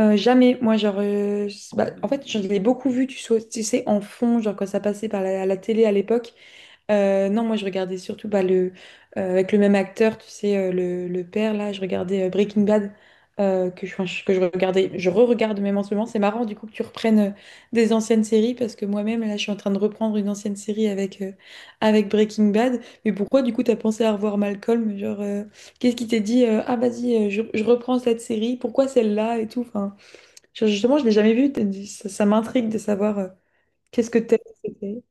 Jamais, moi, genre, bah, en fait, je l'ai beaucoup vu, tu sais, en fond, genre quand ça passait par la télé à l'époque. Non, moi, je regardais surtout bah, avec le même acteur, tu sais, le père, là, je regardais Breaking Bad, enfin, que je regardais, je re-regarde même en ce moment. C'est marrant, du coup, que tu reprennes des anciennes séries, parce que moi-même, là, je suis en train de reprendre une ancienne série avec Breaking Bad. Mais pourquoi, du coup, t'as pensé à revoir Malcolm? Genre, qu'est-ce qui t'a dit, ah, vas-y, je reprends cette série, pourquoi celle-là et tout, enfin. Justement, je l'ai jamais vu. Ça, ça m'intrigue de savoir qu'est-ce que t'aimes.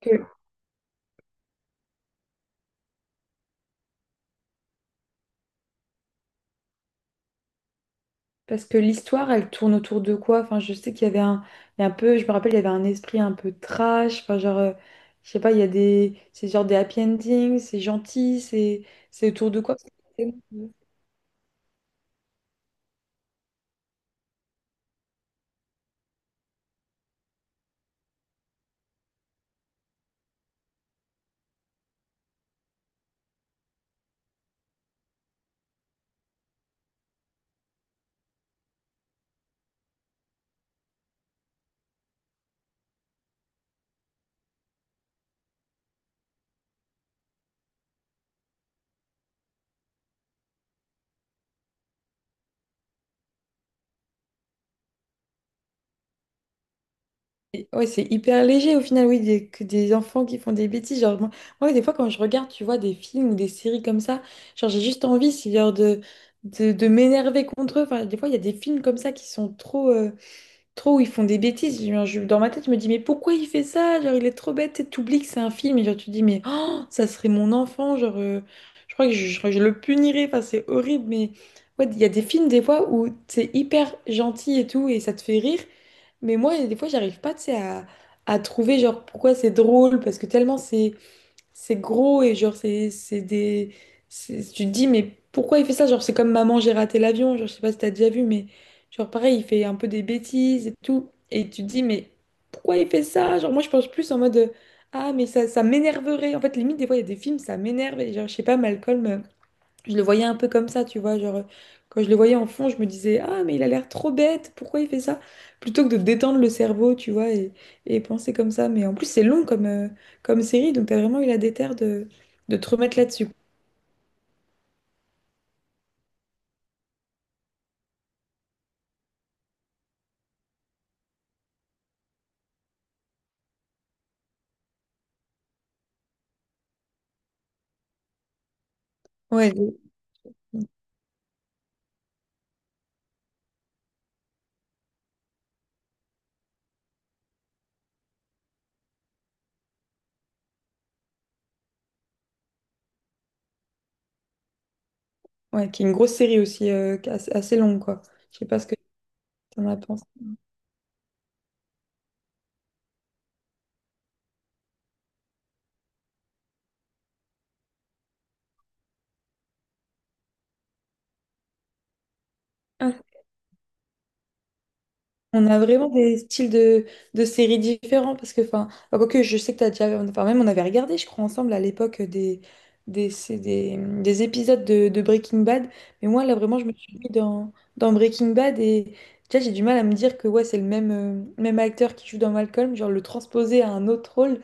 que- Parce que l'histoire, elle tourne autour de quoi? Enfin, je sais qu'il y avait il y a un peu, je me rappelle, il y avait un esprit un peu trash. Enfin, genre, je sais pas, il y a des, c'est genre des happy endings, c'est gentil, c'est autour de quoi? Et ouais, c'est hyper léger au final, oui, que des enfants qui font des bêtises. Genre, moi, ouais, des fois, quand je regarde, tu vois, des films ou des séries comme ça, genre, j'ai juste envie, c'est genre de m'énerver contre eux. Enfin, des fois, il y a des films comme ça qui sont trop, trop où ils font des bêtises. Genre, dans ma tête, je me dis, mais pourquoi il fait ça? Genre, il est trop bête, et t'oublies que c'est un film. Et genre, tu te dis, mais oh, ça serait mon enfant. Genre, je crois que je crois que je le punirais. Enfin, c'est horrible, mais ouais, il y a des films, des fois, où c'est hyper gentil et tout, et ça te fait rire. Mais moi, il y a des fois, j'arrive pas, tu sais, à trouver, genre, pourquoi c'est drôle, parce que tellement c'est gros et, genre, tu te dis, mais pourquoi il fait ça? Genre, c'est comme Maman, j'ai raté l'avion, genre, je sais pas si t'as déjà vu, mais, genre, pareil, il fait un peu des bêtises et tout, et tu te dis, mais pourquoi il fait ça? Genre, moi, je pense plus en mode, ah, mais ça m'énerverait. En fait, limite, des fois, il y a des films, ça m'énerve, et genre, je sais pas, Malcolm, je le voyais un peu comme ça, tu vois, genre quand je le voyais en fond, je me disais, ah mais il a l'air trop bête, pourquoi il fait ça? Plutôt que de détendre le cerveau, tu vois, et penser comme ça. Mais en plus c'est long comme série, donc t'as vraiment eu la déterre de te remettre là-dessus. Ouais, ouais, qui est une grosse série aussi, qui est assez longue, quoi. Je sais pas ce que t'en as pensé. On a vraiment des styles de séries différents parce que, enfin, quoique je sais que tu as déjà, enfin, même on avait regardé, je crois, ensemble à l'époque des épisodes de Breaking Bad. Mais moi, là, vraiment, je me suis mis dans Breaking Bad et déjà, j'ai du mal à me dire que ouais, c'est le même acteur qui joue dans Malcolm, genre le transposer à un autre rôle.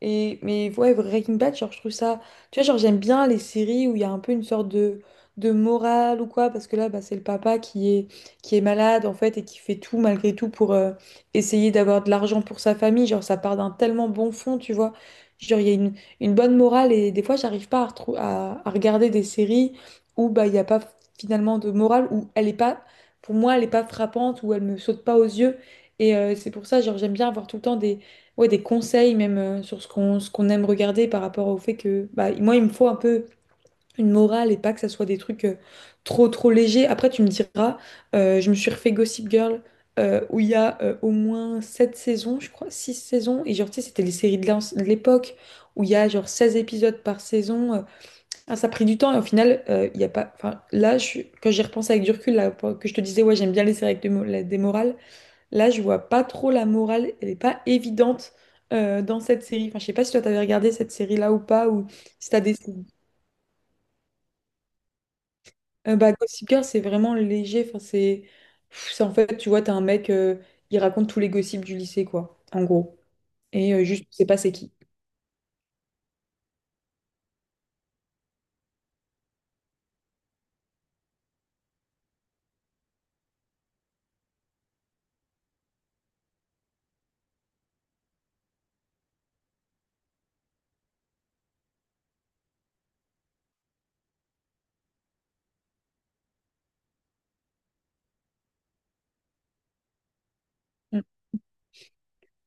Mais ouais, Breaking Bad, genre, je trouve ça. Tu vois, genre, j'aime bien les séries où il y a un peu une sorte de morale ou quoi, parce que là, bah, c'est le papa qui est malade, en fait, et qui fait tout, malgré tout, pour essayer d'avoir de l'argent pour sa famille. Genre, ça part d'un tellement bon fond, tu vois. Genre, il y a une bonne morale, et des fois, j'arrive pas à regarder des séries où bah, il n'y a pas finalement de morale, où elle est pas. Pour moi, elle est pas frappante, où elle me saute pas aux yeux. Et c'est pour ça, genre, j'aime bien avoir tout le temps des ouais, des conseils même sur ce qu'on aime regarder par rapport au fait que bah, moi il me faut un peu une morale et pas que ça soit des trucs trop trop légers. Après tu me diras, je me suis refait Gossip Girl, où il y a au moins 7 saisons, je crois, 6 saisons et genre tu sais c'était les séries de l'époque où il y a genre 16 épisodes par saison. Ah, ça a pris du temps et au final il y a pas enfin quand j'y repense avec du recul là, que je te disais ouais, j'aime bien les séries avec des morales. Là, je vois pas trop la morale, elle est pas évidente dans cette série. Enfin, je sais pas si toi t'avais regardé cette série-là ou pas, ou si t'as des... Bah, Gossip Girl, c'est vraiment léger. C'est en fait, tu vois, t'as un mec, il raconte tous les gossips du lycée, quoi, en gros. Et juste, tu sais pas c'est qui. Mm.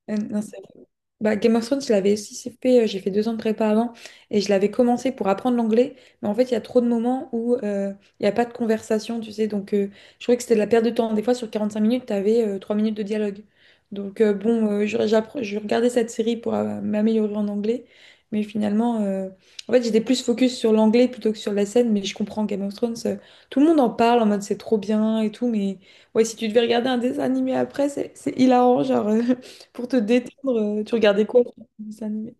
Non, c'est bah, Game of Thrones, je l'avais aussi fait, j'ai fait 2 ans de prépa avant et je l'avais commencé pour apprendre l'anglais, mais en fait, il y a trop de moments où il n'y a pas de conversation, tu sais, donc je trouvais que c'était de la perte de temps. Des fois, sur 45 minutes, tu avais 3 minutes de dialogue. Donc, bon, je regardais cette série pour m'améliorer en anglais, mais finalement, en fait, j'étais plus focus sur l'anglais plutôt que sur la scène, mais je comprends Game of Thrones, tout le monde en parle en mode c'est trop bien et tout, mais ouais, si tu devais regarder un dessin animé après, c'est hilarant, genre. Pour te détendre, tu regardais quoi comme dessin animé?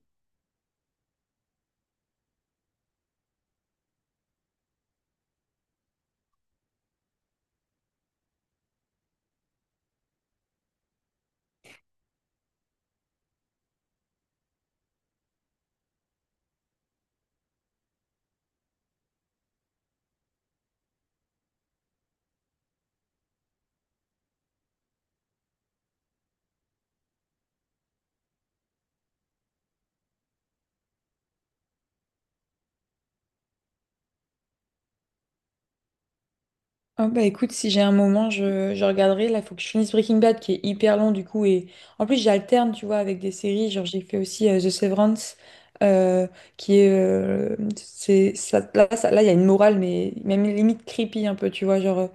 Oh bah écoute, si j'ai un moment, je regarderai. Là, il faut que je finisse Breaking Bad, qui est hyper long du coup. Et en plus, j'alterne, tu vois, avec des séries. Genre, j'ai fait aussi The Severance, euh, qui est... c'est, ça- là, il y a une morale, mais même limite creepy un peu, tu vois.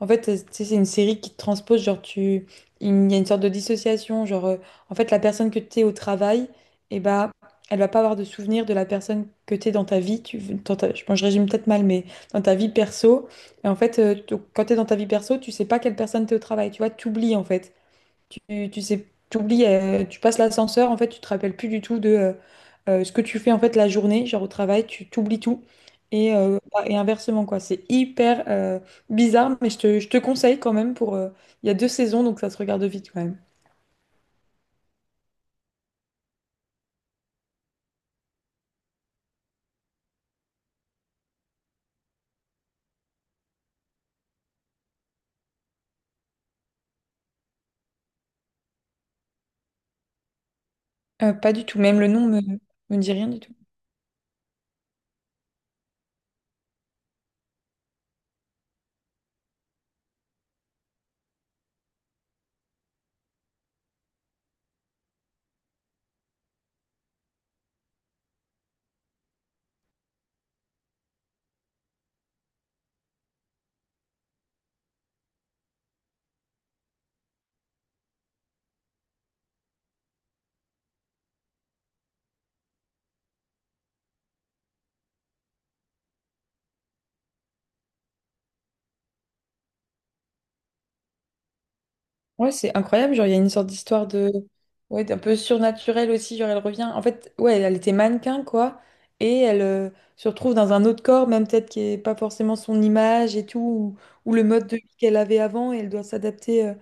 En fait, tu sais, c'est une série qui te transpose, il y a une sorte de dissociation, en fait la personne que tu es au travail, et bah elle va pas avoir de souvenir de la personne que tu es dans ta vie, tu, dans ta- je, bon, je résume peut-être mal, mais dans ta vie perso, et en fait donc, quand tu es dans ta vie perso, tu sais pas quelle personne t'es au travail, tu vois, t'oublies en fait. Tu, Tu sais, tu oublies, tu passes l'ascenseur, en fait, tu te rappelles plus du tout de ce que tu fais en fait la journée, genre au travail, tu t'oublies tout. Bah, et inversement, quoi. C'est hyper bizarre, mais je te conseille quand même pour. Il y a 2 saisons, donc ça se regarde vite quand même. Pas du tout, même le nom me dit rien du tout. Ouais, c'est incroyable. Genre, il y a une sorte d'histoire de. Ouais, d'un peu surnaturel aussi. Genre, elle revient. En fait, ouais, elle était mannequin, quoi. Et elle se retrouve dans un autre corps, même peut-être qui est pas forcément son image et tout, ou le mode de vie qu'elle avait avant. Et elle doit s'adapter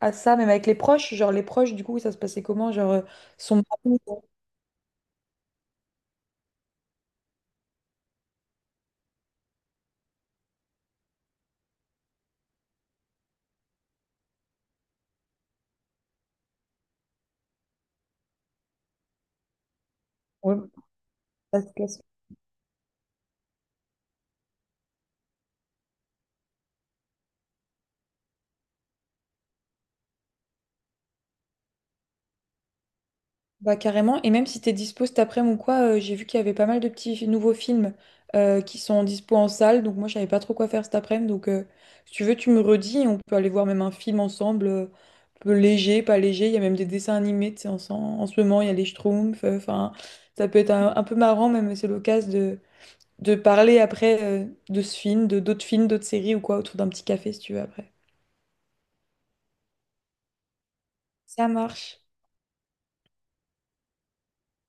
à ça, même avec les proches. Genre, les proches, du coup, ça se passait comment? Genre, son mari. Ouais, parce que- Bah, carrément, et même si t'es dispo cet après-midi ou quoi, j'ai vu qu'il y avait pas mal de petits nouveaux films qui sont en dispo en salle, donc moi je savais pas trop quoi faire cet après-midi, donc si tu veux tu me redis, et on peut aller voir même un film ensemble, peu léger, pas léger, il y a même des dessins animés, tu sais, en ce moment il y a les Schtroumpfs, enfin ça peut être un peu marrant même, c'est l'occasion de parler après de ce film, de d'autres films, d'autres séries ou quoi, autour d'un petit café si tu veux après. Ça marche.